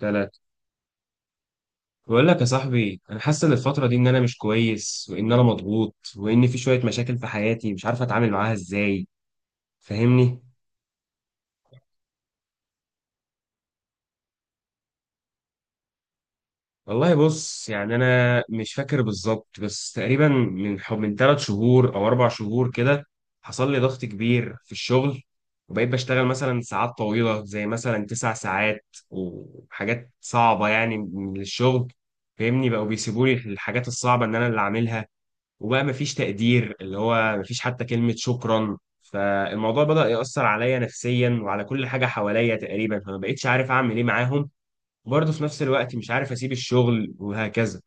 ثلاثة. بقول لك يا صاحبي، أنا حاسس إن الفترة دي إن أنا مش كويس، وإن أنا مضغوط، وإن في شوية مشاكل في حياتي مش عارف أتعامل معاها إزاي. فاهمني؟ والله بص، يعني أنا مش فاكر بالظبط، بس تقريبا من 3 شهور أو 4 شهور كده حصل لي ضغط كبير في الشغل. وبقيت بشتغل مثلا ساعات طويلة زي مثلا 9 ساعات وحاجات صعبة يعني من الشغل. فاهمني، بقوا بيسيبوا لي الحاجات الصعبة إن أنا اللي أعملها. وبقى مفيش تقدير، اللي هو مفيش حتى كلمة شكرا، فالموضوع بدأ يأثر عليا نفسيا وعلى كل حاجة حواليا تقريبا، فما بقتش عارف أعمل إيه معاهم. وبرضه في نفس الوقت مش عارف أسيب الشغل وهكذا.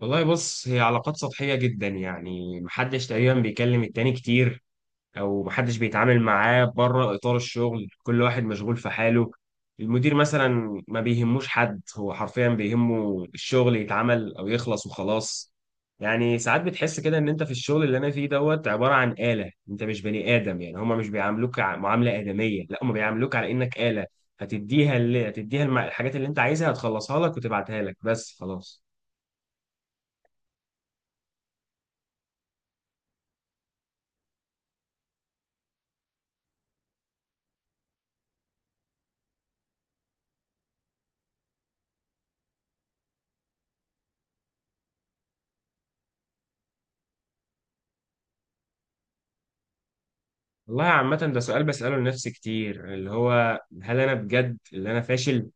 والله بص، هي علاقات سطحية جدا، يعني محدش تقريبا بيكلم التاني كتير، او محدش بيتعامل معاه بره اطار الشغل، كل واحد مشغول في حاله. المدير مثلا ما بيهموش حد، هو حرفيا بيهمه الشغل يتعمل او يخلص وخلاص. يعني ساعات بتحس كده ان انت في الشغل اللي انا فيه دوت عبارة عن آلة، انت مش بني آدم، يعني هما مش بيعاملوك معاملة آدمية، لا هما بيعاملوك على انك آلة. هتديها اللي هتديها الحاجات اللي انت عايزها هتخلصها لك وتبعتها لك بس خلاص. والله عامة ده سؤال بسأله لنفسي كتير، اللي هو هل أنا بجد اللي أنا فاشل؟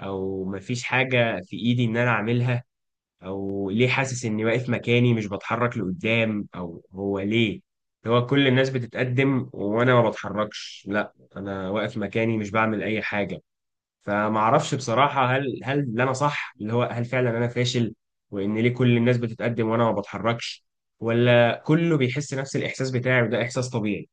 أو مفيش حاجة في إيدي إن أنا أعملها؟ أو ليه حاسس إني واقف مكاني مش بتحرك لقدام؟ أو هو ليه اللي هو كل الناس بتتقدم وأنا ما بتحركش؟ لا أنا واقف مكاني مش بعمل أي حاجة. فمعرفش بصراحة، هل اللي أنا صح؟ اللي هو هل فعلا أنا فاشل؟ وإن ليه كل الناس بتتقدم وأنا ما بتحركش؟ ولا كله بيحس نفس الإحساس بتاعي وده إحساس طبيعي؟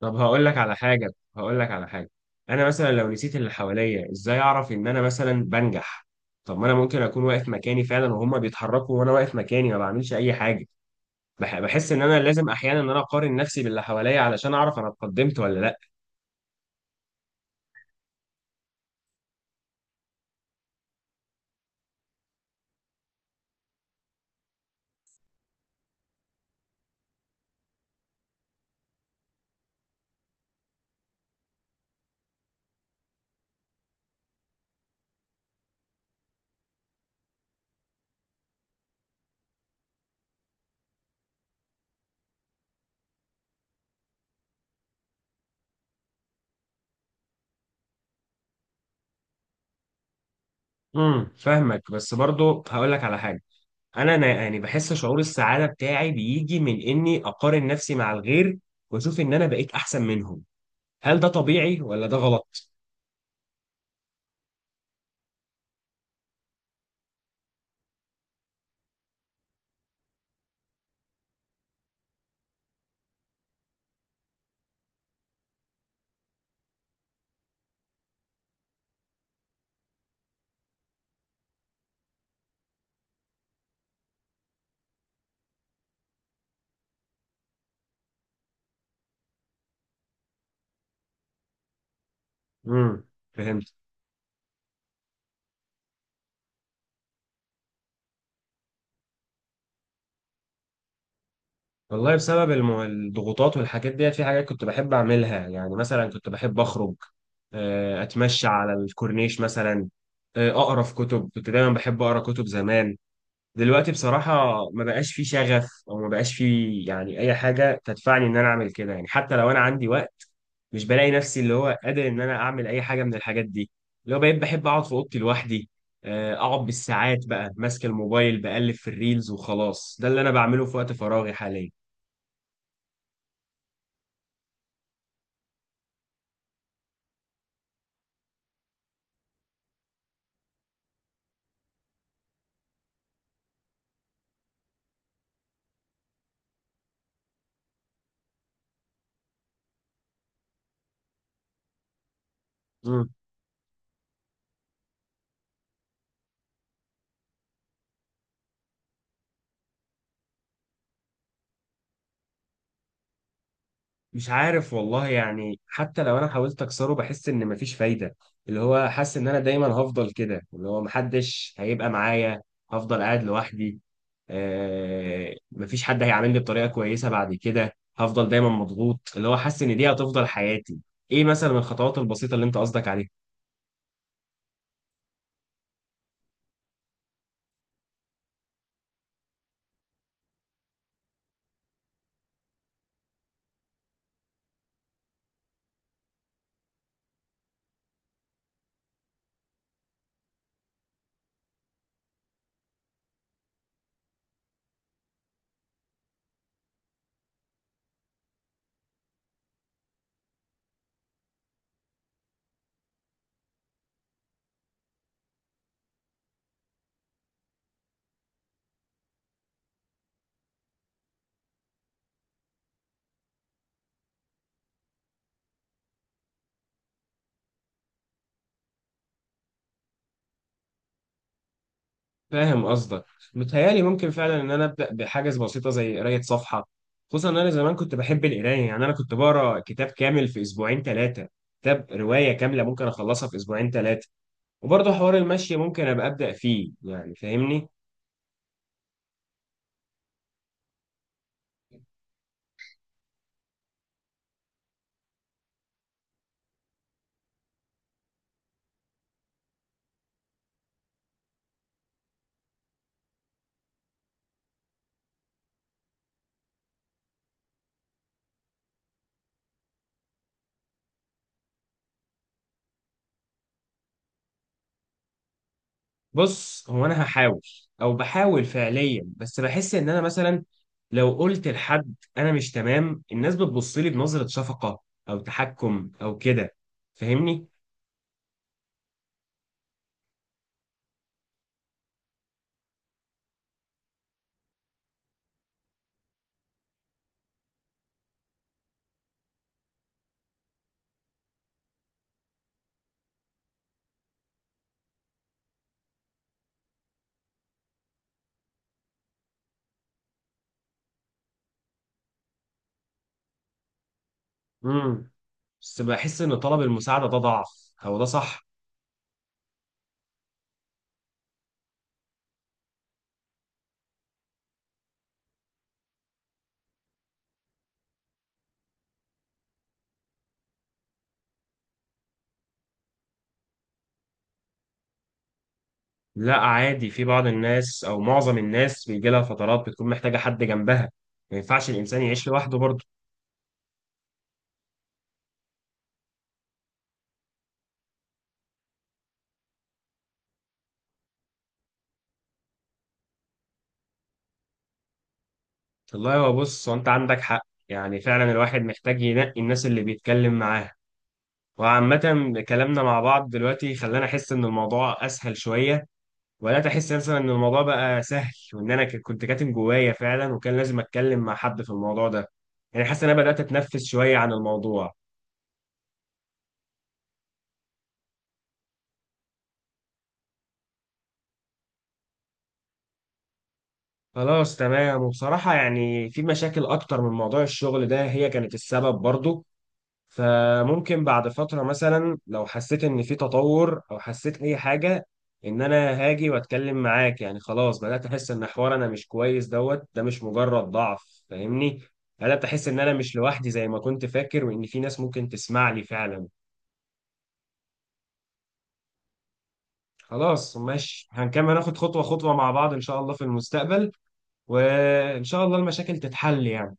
طب هقول لك على حاجة. هقول لك على حاجة. أنا مثلا لو نسيت اللي حواليا، إزاي أعرف إن أنا مثلا بنجح؟ طب ما أنا ممكن أكون واقف مكاني فعلا وهما بيتحركوا وأنا واقف مكاني ما بعملش أي حاجة. بحس إن أنا لازم أحيانا إن أنا أقارن نفسي باللي حواليا علشان أعرف أنا اتقدمت ولا لأ. امم، فاهمك، بس برضو هقول لك على حاجة. أنا يعني بحس شعور السعادة بتاعي بيجي من إني أقارن نفسي مع الغير، وأشوف إن أنا بقيت أحسن منهم. هل ده طبيعي ولا ده غلط؟ امم. فهمت. والله بسبب الضغوطات والحاجات ديت في حاجات كنت بحب أعملها. يعني مثلا كنت بحب أخرج، أتمشى على الكورنيش مثلا، أقرأ في كتب، كنت دايما بحب أقرأ كتب زمان. دلوقتي بصراحة ما بقاش في شغف أو ما بقاش في يعني أي حاجة تدفعني إن أنا أعمل كده، يعني حتى لو أنا عندي وقت مش بلاقي نفسي اللي هو قادر إن أنا أعمل أي حاجة من الحاجات دي. اللي هو بقيت بحب أقعد في أوضتي لوحدي، أقعد بالساعات بقى ماسك الموبايل بقلب في الريلز وخلاص، ده اللي أنا بعمله في وقت فراغي حاليا. مش عارف والله، يعني حتى لو انا حاولت اكسره بحس ان مفيش فايده، اللي هو حاسس ان انا دايما هفضل كده، اللي هو محدش هيبقى معايا، هفضل قاعد لوحدي. مفيش حد هيعاملني بطريقه كويسه بعد كده، هفضل دايما مضغوط، اللي هو حاسس ان دي هتفضل حياتي. ايه مثلا الخطوات البسيطه اللي انت قصدك عليها؟ فاهم قصدك. متهيألي ممكن فعلا ان انا ابدا بحاجز بسيطه زي قرايه صفحه، خصوصا ان انا زمان كنت بحب القرايه، يعني انا كنت بقرا كتاب كامل في اسبوعين ثلاثه، كتاب روايه كامله ممكن اخلصها في اسبوعين ثلاثه. وبرضه حوار المشي ممكن ابقى ابدا فيه، يعني فاهمني. بص، هو انا هحاول او بحاول فعليا، بس بحس ان انا مثلا لو قلت لحد انا مش تمام، الناس بتبص لي بنظره شفقه او تحكم او كده، فاهمني. امم بس بحس ان طلب المساعده ده ضعف، هو ده صح؟ لا، عادي، في بعض الناس او معظم الناس بيجي لها فترات بتكون محتاجه حد جنبها، ما ينفعش الانسان يعيش لوحده برضه. والله هو بص، هو انت عندك حق، يعني فعلا الواحد محتاج ينقي الناس اللي بيتكلم معاها، وعامة كلامنا مع بعض دلوقتي خلاني أحس إن الموضوع أسهل شوية. ولا تحس مثلا إن الموضوع بقى سهل وإن أنا كنت كاتم جوايا فعلا، وكان لازم أتكلم مع حد في الموضوع ده؟ يعني حاسس إن أنا بدأت أتنفس شوية عن الموضوع. خلاص تمام، وبصراحة يعني في مشاكل أكتر من موضوع الشغل ده هي كانت السبب برضو، فممكن بعد فترة مثلا لو حسيت إن في تطور أو حسيت أي حاجة إن أنا هاجي وأتكلم معاك. يعني خلاص بدأت أحس إن حوار أنا مش كويس دوت ده مش مجرد ضعف، فاهمني. بدأت أحس إن أنا مش لوحدي زي ما كنت فاكر، وإن في ناس ممكن تسمع لي فعلا. خلاص ماشي، هنكمل ناخد خطوة خطوة مع بعض إن شاء الله في المستقبل، وإن شاء الله المشاكل تتحل يعني.